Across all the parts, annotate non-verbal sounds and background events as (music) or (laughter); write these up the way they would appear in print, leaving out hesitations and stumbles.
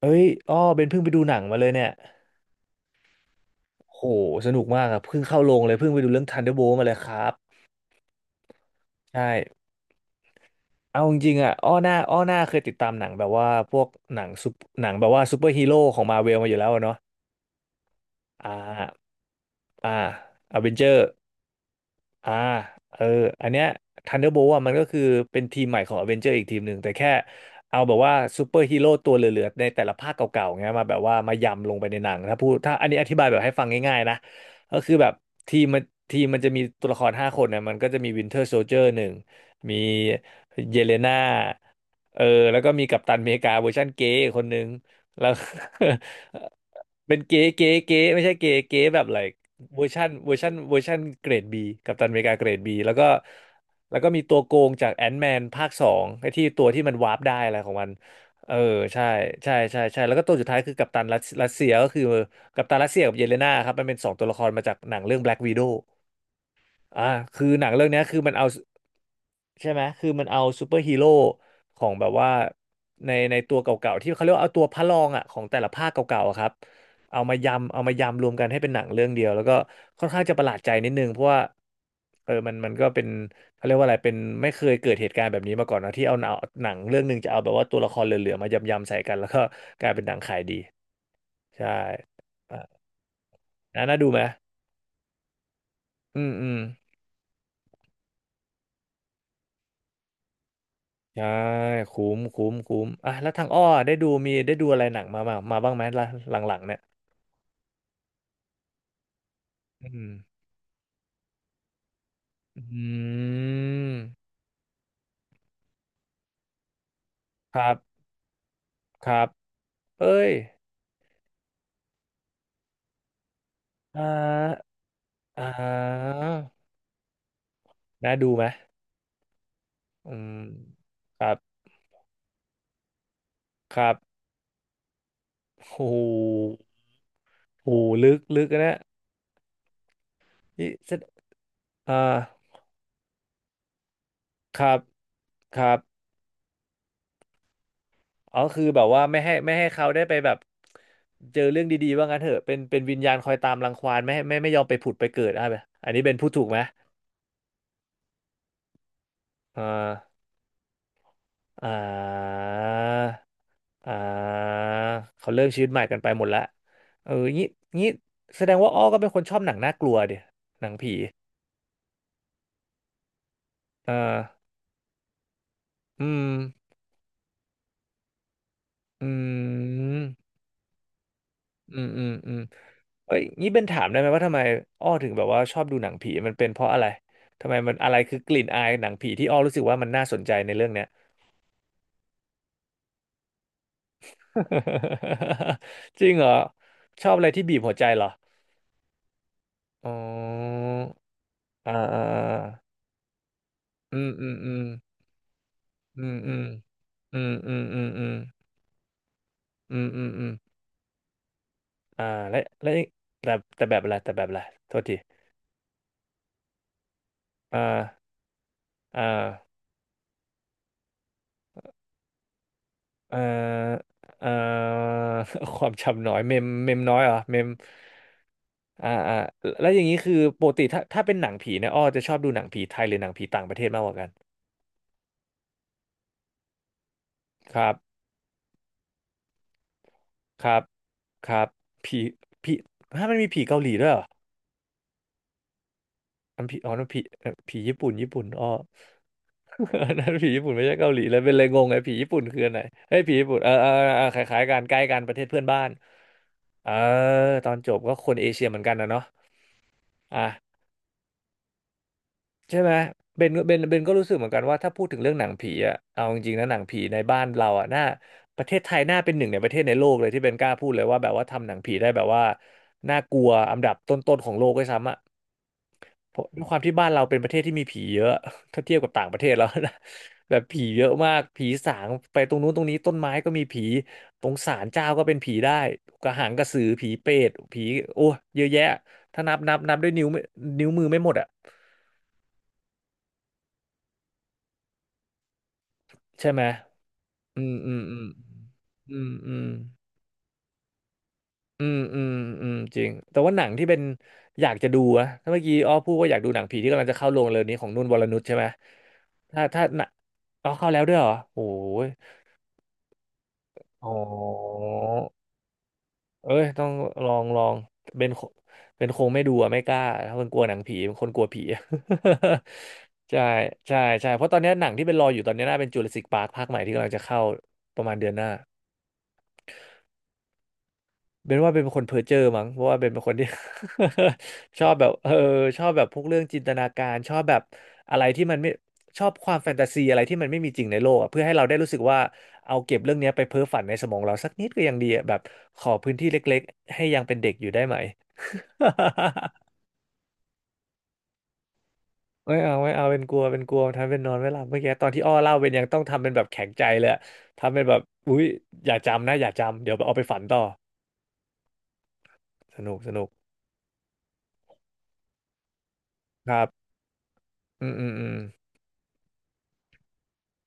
เอ้ยอ้อเบนเพิ่งไปดูหนังมาเลยเนี่ยโหสนุกมากอะเพิ่งเข้าโรงเลยเพิ่งไปดูเรื่อง Thunderbolt มาเลยครับใช่เอาจริงๆอะอ้อหน้าอ้อหน้าเคยติดตามหนังแบบว่าพวกหนังซุปหนังแบบว่าซูเปอร์ฮีโร่ของมาเวลมาอยู่แล้วอะเนาะอ่า อ่าอเวนเจอร์ อ่าเอออันเนี้ย Thunderbolt อ่ะมันก็คือเป็นทีมใหม่ของอเวนเจอร์อีกทีมหนึ่งแต่แค่เอาแบบว่าซูเปอร์ฮีโร่ตัวเหลือๆในแต่ละภาคเก่าๆเงี้ยมาแบบว่ามายำลงไปในหนังถ้าพูดถ้าอันนี้อธิบายแบบให้ฟังง่ายๆนะก็คือแบบทีมมันทีมมันจะมีตัวละครห้าคนนะมันก็จะมีวินเทอร์โซ i เจอร์หนึ่งมีเยเลนาเออแล้วก็มีกัปตันอเมริกาเวอร์ชันเกย์คนหนึ่ง แล้ว (laughs) เป็นเก๋เก๋เก๋ไม่ใช่เก๋เก๋แบบ l i กเวอร์ชันเวอร์ชันเวอร์ชันเกรดบีกัปตันอเมริกาเกรดบีแล้วก็แล้วก็มีตัวโกงจากแอน m ์แมนภาคสองไอ้ที่ตัวที่มันวาร์ปได้อะไรของมันเออใช่ใช่ใช่ใช่แล้วก็ตัวสุดท้ายคือกัปตันรัสเซียก็คือกัปตันรัสเซียกับเยเลนาครับมันเป็นสองตัวละครมาจากหนังเรื่อง Black Widow อ่าคือหนังเรื่องเนี้ยคือมันเอา ใช่ไหม คือมันเอาซูเปอร์ฮีโร่ของแบบว่าในในตัวเก่าๆที่เขาเรียกว่าเอาตัวพระรองอ่ะของแต่ละภาคเก่าๆอะครับเอามายำเอามายำรวมกันให้เป็นหนังเรื่องเดียวแล้วก็ค่อนข้างจะประหลาดใจนิดนึงเพราะว่าเออมันมันก็เป็นเขาเรียกว่าอะไรเป็นไม่เคยเกิดเหตุการณ์แบบนี้มาก่อนนะที่เอาหนังหนังเรื่องหนึ่งจะเอาแบบว่าตัวละครเหลือๆมายำๆใส่กันแล้วก็กลายเป็นหนังขายดีใช่อ่ะน่าน่าดูไหมอืมอืม ใช่คุ้มคุ้มคุ้มอ่ะแล้วทางอ้อได้ดูมีได้ดูอะไรหนังมาบ้างไหมละหลังๆเนี่ยอืมอืมครับครับเอ้ยอ่าอ่าน่าดูไหมอืมครับครับโอ้โหโอ้โหลึกลึกนะนี่แสดอ่าครับครับอ๋อคือแบบว่าไม่ให้ไม่ให้เขาได้ไปแบบเจอเรื่องดีๆว่างั้นเถอะเป็นเป็นวิญญาณคอยตามรังควานไม่ให้ไม่ยอมไปผุดไปเกิดอ่ะแบบอันนี้เป็นพูดถูกไหม อ่าอ่าอ่าเขาเลิกชีวิตใหม่กันไปหมดละเอองี้งี้แสดงว่าอ้อก็เป็นคนชอบหนังน่ากลัวดิหนังผีเอออืมอืมอืมอืมอืมเอ้ยงี้เป็นถามได้ไหมว่าทำไมอ้อถึงแบบว่าชอบดูหนังผีมันเป็นเพราะอะไรทำไมมันอะไรคือกลิ่นอายหนังผีที่อ้อรู้สึกว่ามันน่าสนใจในเรื่องเนี้ย (laughs) จริงเหรอชอบอะไรที่บีบหัวใจเหรออ๋ออ่า อืมอืมอืมอืมอืมอืมอืมอืมอืมอืมอืมอืมอ่าและอีกแต่แต่แบบอะไรแต่แบบอะไรโทษทีอ่าอ่าเอ่อเอ่อ (laughs) ความจำน้อยเมมน้อยเหรอเมมอ่าอ่าแล้วอย่างนี้คือปกติถ้าถ้าเป็นหนังผีเนี่ยอ้อจะชอบดูหนังผีไทยหรือหนังผีต่างประเทศมากกว่ากันครับครับครับผีผีถ้ามันมีผีเกาหลีด้วยเหรอ อันผีอ๋อนั่นผีผีญี่ปุ่นญี่ปุ่นอ้อ (laughs) อันนั้นผีญี่ปุ่นไม่ใช่เกาหลีเลยเป็นเลยงงไงผีญี่ปุ่นคืออันไหนเฮ้ยผีญี่ปุ่นเออเออเออคล้ายๆกันใกล้กันประเทศเพื่อนบ้านเออตอนจบก็คนเอเชียเหมือนกันนะเนาะอ่ะใช่ไหมเบนเบนเบนก็รู้สึกเหมือนกันว่าถ้าพูดถึงเรื่องหนังผีอะเอาจริงๆนะหนังผีในบ้านเราอะน่าประเทศไทยน่าเป็นหนึ่งในประเทศในโลกเลยที่เบนกล้าพูดเลยว่าแบบว่าทำหนังผีได้แบบว่าน่ากลัวอันดับต้นๆของโลกด้วยซ้ำอะ เพราะด้วยความที่บ้านเราเป็นประเทศที่มีผีเยอะ (laughs) ถ้าเทียบกับต่างประเทศแล้วนะ (laughs) แบบผีเยอะมากผีสางไปตรงนู้นตรงนี้ต้นไม้ก็มีผีตรงศาลเจ้าก็เป็นผีได้กระหังกระสือผีเปรตผีโอ้เยอะแยะถ้านับด้วยนิ้วไม่นิ้วมือไม่หมดอ่ะใช่ไหมอืมอืมอืมอืมอืมอืมอืมอืมจริงแต่ว่าหนังที่เป็นอยากจะดูอะถ้าเมื่อกี้อ้อพูดว่าอยากดูหนังผีที่กำลังจะเข้าโรงเร็วนี้ของนุ่นวรนุชใช่ไหมถ้าหนังอ๋อเข้าแล้วด้วยเหรอโอ้โห อ๋อ เอ้ย ต้องลอง เป็นคเป็นคงไม่ดูอะไม่กล้าถ้าเป็นกลัวหนังผี เป็นคนกลัวผี (laughs) ใช่ ใช่ ใช่ เพราะตอนเนี้ยหนังที่เป็นรออยู่ตอนเนี้ยน่าเป็นจูราสสิคพาร์คภาคใหม่ที่กำลังจะเข้าประมาณเดือนหน้า เบนว่าเป็นคนเพ้อเจ้อมั้งเพราะว่าเบนเป็นคนที่ (laughs) ชอบแบบชอบแบบพวกเรื่องจินตนาการชอบแบบอะไรที่มันไม่ชอบความแฟนตาซีอะไรที่มันไม่มีจริงในโลกอะเพื่อให้เราได้รู้สึกว่าเอาเก็บเรื่องเนี้ยไปเพ้อฝันในสมองเราสักนิดก็ยังดีอะแบบขอพื้นที่เล็กๆให้ยังเป็นเด็กอยู่ได้ไหม (laughs) ไม่เอาไม่เอาเป็นกลัวเป็นกลัวทำเป็นนอนไม่หลับเมื่อกี้ตอนที่อ้อเล่าเป็นยังต้องทำเป็นแบบแข็งใจเลยอะทำเป็นแบบอุ๊ยอย่าจำนะอย่าจำเดี๋ยวเอาไปฝันต่อสนุกสนุกครับอืมอืมอืม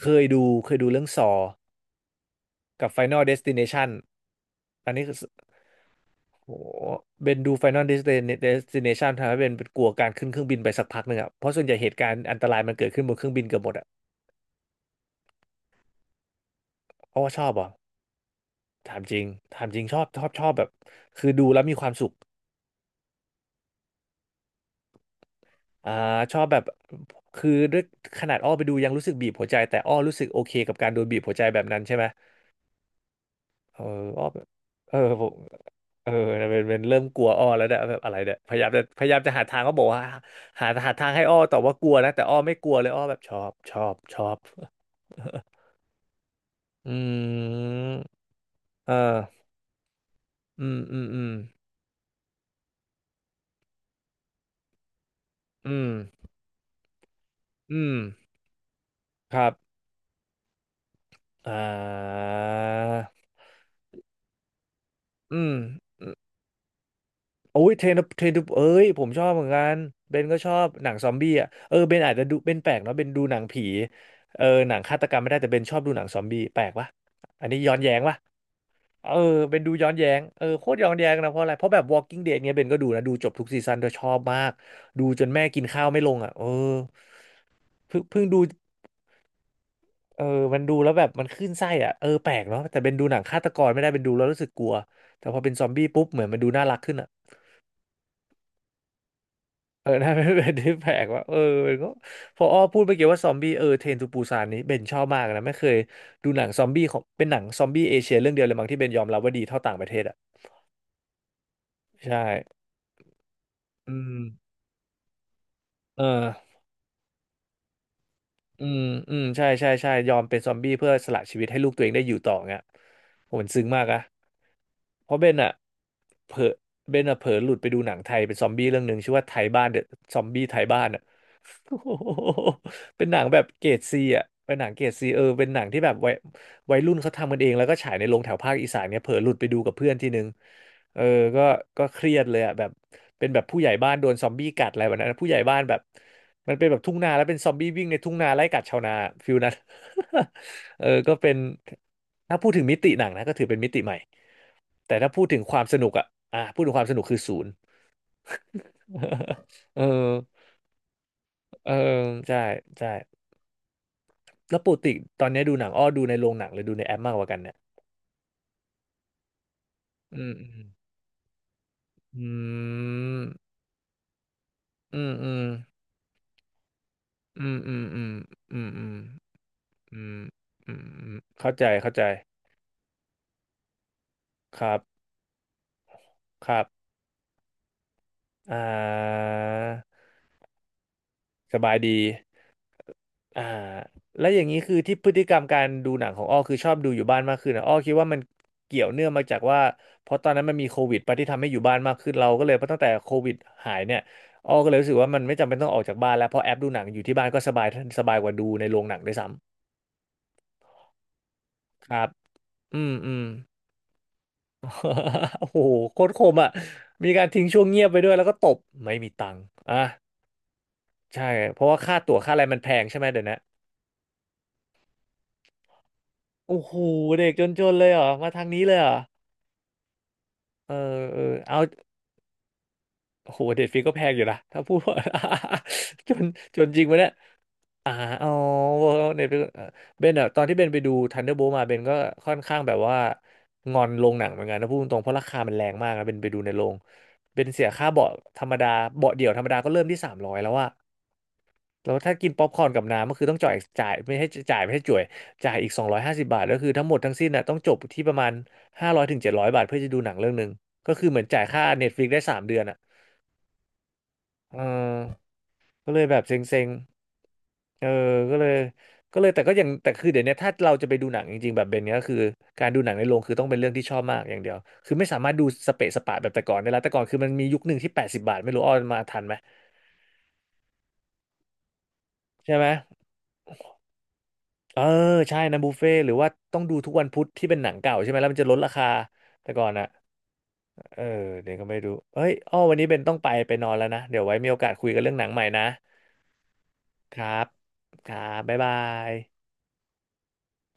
เคยดูเคยดูเรื่องซอกับ Final Destination อันนี้คือโหเป็นดู Destination ทำให้เบนเป็นกลัวการขึ้นเครื่องบินไปสักพักหนึ่งอ่ะ เพราะส่วนใหญ่เหตุการณ์อันตรายมันเกิดขึ้นบนเครื่องบินเกือบหมดอ่ะเพราะว่าชอบหรอ่ะถามจริงถามจริงชอบชอบชอบแบบคือดูแล้วมีความสุขอ่าชอบแบบคือด้วยขนาดอ้อไปดูยังรู้สึกบีบหัวใจแต่อ้อรู้สึกโอเคกับการโดนบีบหัวใจแบบนั้นใช่ไหมเอออ้อแบบผม เออเป็นเริ่มกลัวอ้อแล้วเนี่ยแบบอะไรเนี่ยพยายามจะหาทางเขาบอกว่าหาทางให้อ้อแต่ว่ากลัวนะแต่อ้อไม่กลัวเลยอ้อแบบชอบชอบชอบ (laughs) อืมเอออืมอืมอืมอืมอืมครับอ่าอืมโอ้ยเทรนเอ้ยผมชอบเหมือนกันเบนก็ชอบหนังซอมบี้อ่ะเออเบนอาจจะดูเบนแปลกเนาะเบนดูหนังผีเออหนังฆาตกรรมไม่ได้แต่เบนชอบดูหนังซอมบี้แปลกปะอันนี้ย้อนแย้งปะ เออเป็นดูย้อนแย้งเออโคตรย้อนแย้งนะเพราะอะไรเพราะแบบ Walking Dead เนี้ยเบนก็ดูนะดูจบทุกซีซันด้วยชอบมากดูจนแม่กินข้าวไม่ลงอ่ะเออเพิ่งดูเออมันดูแล้วแบบมันขึ้นไส้อ่ะเออแปลกเนาะแต่เป็นดูหนังฆาตกรไม่ได้เป็นดูแล้วรู้สึกกลัวแต่พอเป็นซอมบี้ปุ๊บเหมือนมันดูน่ารักขึ้นอ่ะเออ (laughs) น่าเป็นเป็นที่แปลกว่าเออเันก็พออ้อพูดไปเกี่ยวว่าซอมบี้เออเทรนทูปูซานนี้เบนชอบมากนะไม่เคยดูหนังซอมบี้ของเป็นหนังซอมบี้เอเชียเรื่องเดียวเลยมั้งที่เบนยอมรับว่าดีเท่าต่างประเทศอ่ะใช่อืมเออ อืมอืมใช่ใช่ใช่ยอมเป็นซอมบี้เพื่อสละชีวิตให้ลูกตัวเองได้อยู่ต่อเงี้ยโหมันซึ้งมากอะ เพราะเบนอะเผลอเบนอะเผลอหลุดไปดูหนังไทยเป็นซอมบี้เรื่องหนึ่งชื่อว่าไทยบ้านเดอะซอมบี้ไทยบ้านอะ (laughs) โอ้โหเป็นหนังแบบเกรดซีอะเป็นหนังเกรดซีเออเป็นหนังที่แบบวัยรุ่นเขาทำกันเองแล้วก็ฉายในโรงแถวภาคอีสานเนี่ยเผลอหลุดไปดูกับเพื่อนทีนึงเออก็ก็เครียดเลยอะแบบเป็นแบบผู้ใหญ่บ้านโดนซอมบี้กัดอะไรแบบนั้นนะผู้ใหญ่บ้านแบบมันเป็นแบบทุ่งนาแล้วเป็นซอมบี้วิ่งในทุ่งนาไล่กัดชาวนาฟิลนั้น (laughs) เออก็เป็นถ้าพูดถึงมิติหนังนะก็ถือเป็นมิติใหม่ แต่ถ้าพูดถึงความสนุกอ่ะอ่ะพูดถึงความสนุกคือศูนย์ (laughs) เออเออใช่ใช่แล้วปกติตอนนี้ดูหนังอ้อดูในโรงหนังหรือดูในแอปมากกว่ากันเนี่ยอืมอืมอืมอืมอืมอืมอืมอืมอืมอืมอืมอืมเข้าใจเข้าใจ ครับครับอ่าสบายดี อ่าแล้วอย่างนี้คือที่พฤติกรรมการดูหนังของอ้อคือชอบดูอยู่บ้านมากขึ้นนะอ้อคิดว่ามันเกี่ยวเนื่องมาจากว่าเพราะตอนนั้นมันมีโควิดไปที่ทำให้อยู่บ้านมากขึ้นเราก็เลยเพราะตั้งแต่โควิดหายเนี่ยอ้อก็เลยรู้สึกว่ามันไม่จำเป็นต้องออกจากบ้านแล้วเพราะแอปดูหนังอยู่ที่บ้านก็สบายสบายกว่าดูในโรงหนังด้วยซ้ำครับอืมอืม (laughs) โอ้โหโคตรคมอ่ะมีการทิ้งช่วงเงียบไปด้วยแล้วก็ตบไม่มีตังค์อ่ะใช่เพราะว่าค่าตั๋วค่าอะไรมันแพงใช่ไหมเดี๋ยวนะโอ้โหเด็กจนๆเลยเหรอมาทางนี้เลยเหรอเออเออเอา โอ้โหเด็ดฟรีก็แพงอยู่นะถ้าพูดว่า (laughs) จนจนจริงวะเนี่ยอ่าอ๋อเน็ตฟลิกเบนอะตอนที่เบนไปดู Thunderbolt มาเบนก็ค่อนข้างแบบว่างอนโรงหนังเหมือนกันนะพูดตรงๆเพราะราคามันแรงมากนะเบนไปดูในโรงเบนเสียค่าเบาะธรรมดาเบาะเดี่ยวธรรมดาก็เริ่มที่300แล้วอะแล้วถ้ากินป๊อปคอร์นกับน้ำก็คือต้องจ่ายไม่ให้จ่ายอีก250 บาทก็คือทั้งหมดทั้งสิ้นน่ะต้องจบที่ประมาณ500 ถึง 700 บาทเพื่อจะดูหนังเรื่องหนึ่งก็คือเหมือนจ่ายค่า Netflix ได้สามเดือนอะเออ ก็เลยแบบเซ็งๆ เออ ก็เลยก็เลยแต่ก็ยังแต่คือเดี๋ยวนี้ถ้าเราจะไปดูหนังจริงๆแบบเบนเนี้ยก็คือการดูหนังในโรงคือต้องเป็นเรื่องที่ชอบมากอย่างเดียวคือไม่สามารถดูสเปะสปะแบบแต่ก่อนได้แล้วแต่ก่อนคือมันมียุคหนึ่งที่80บบาทไม่รู้ออนมาทันไหมใช่ไหมเออใช่นะบุฟเฟ่ต์หรือว่าต้องดูทุกวันพุธที่เป็นหนังเก่าใช่ไหมแล้วมันจะลดราคาแต่ก่อนอะเออเดี๋ยวก็ไม่รู้เฮ้ยอ้อวันนี้เบนต้องไปไปนอนแล้วนะเดี๋ยวไว้มีโอกาสคุยกันเรื่องหนังใหม่นะครับครับบ๊ายบาย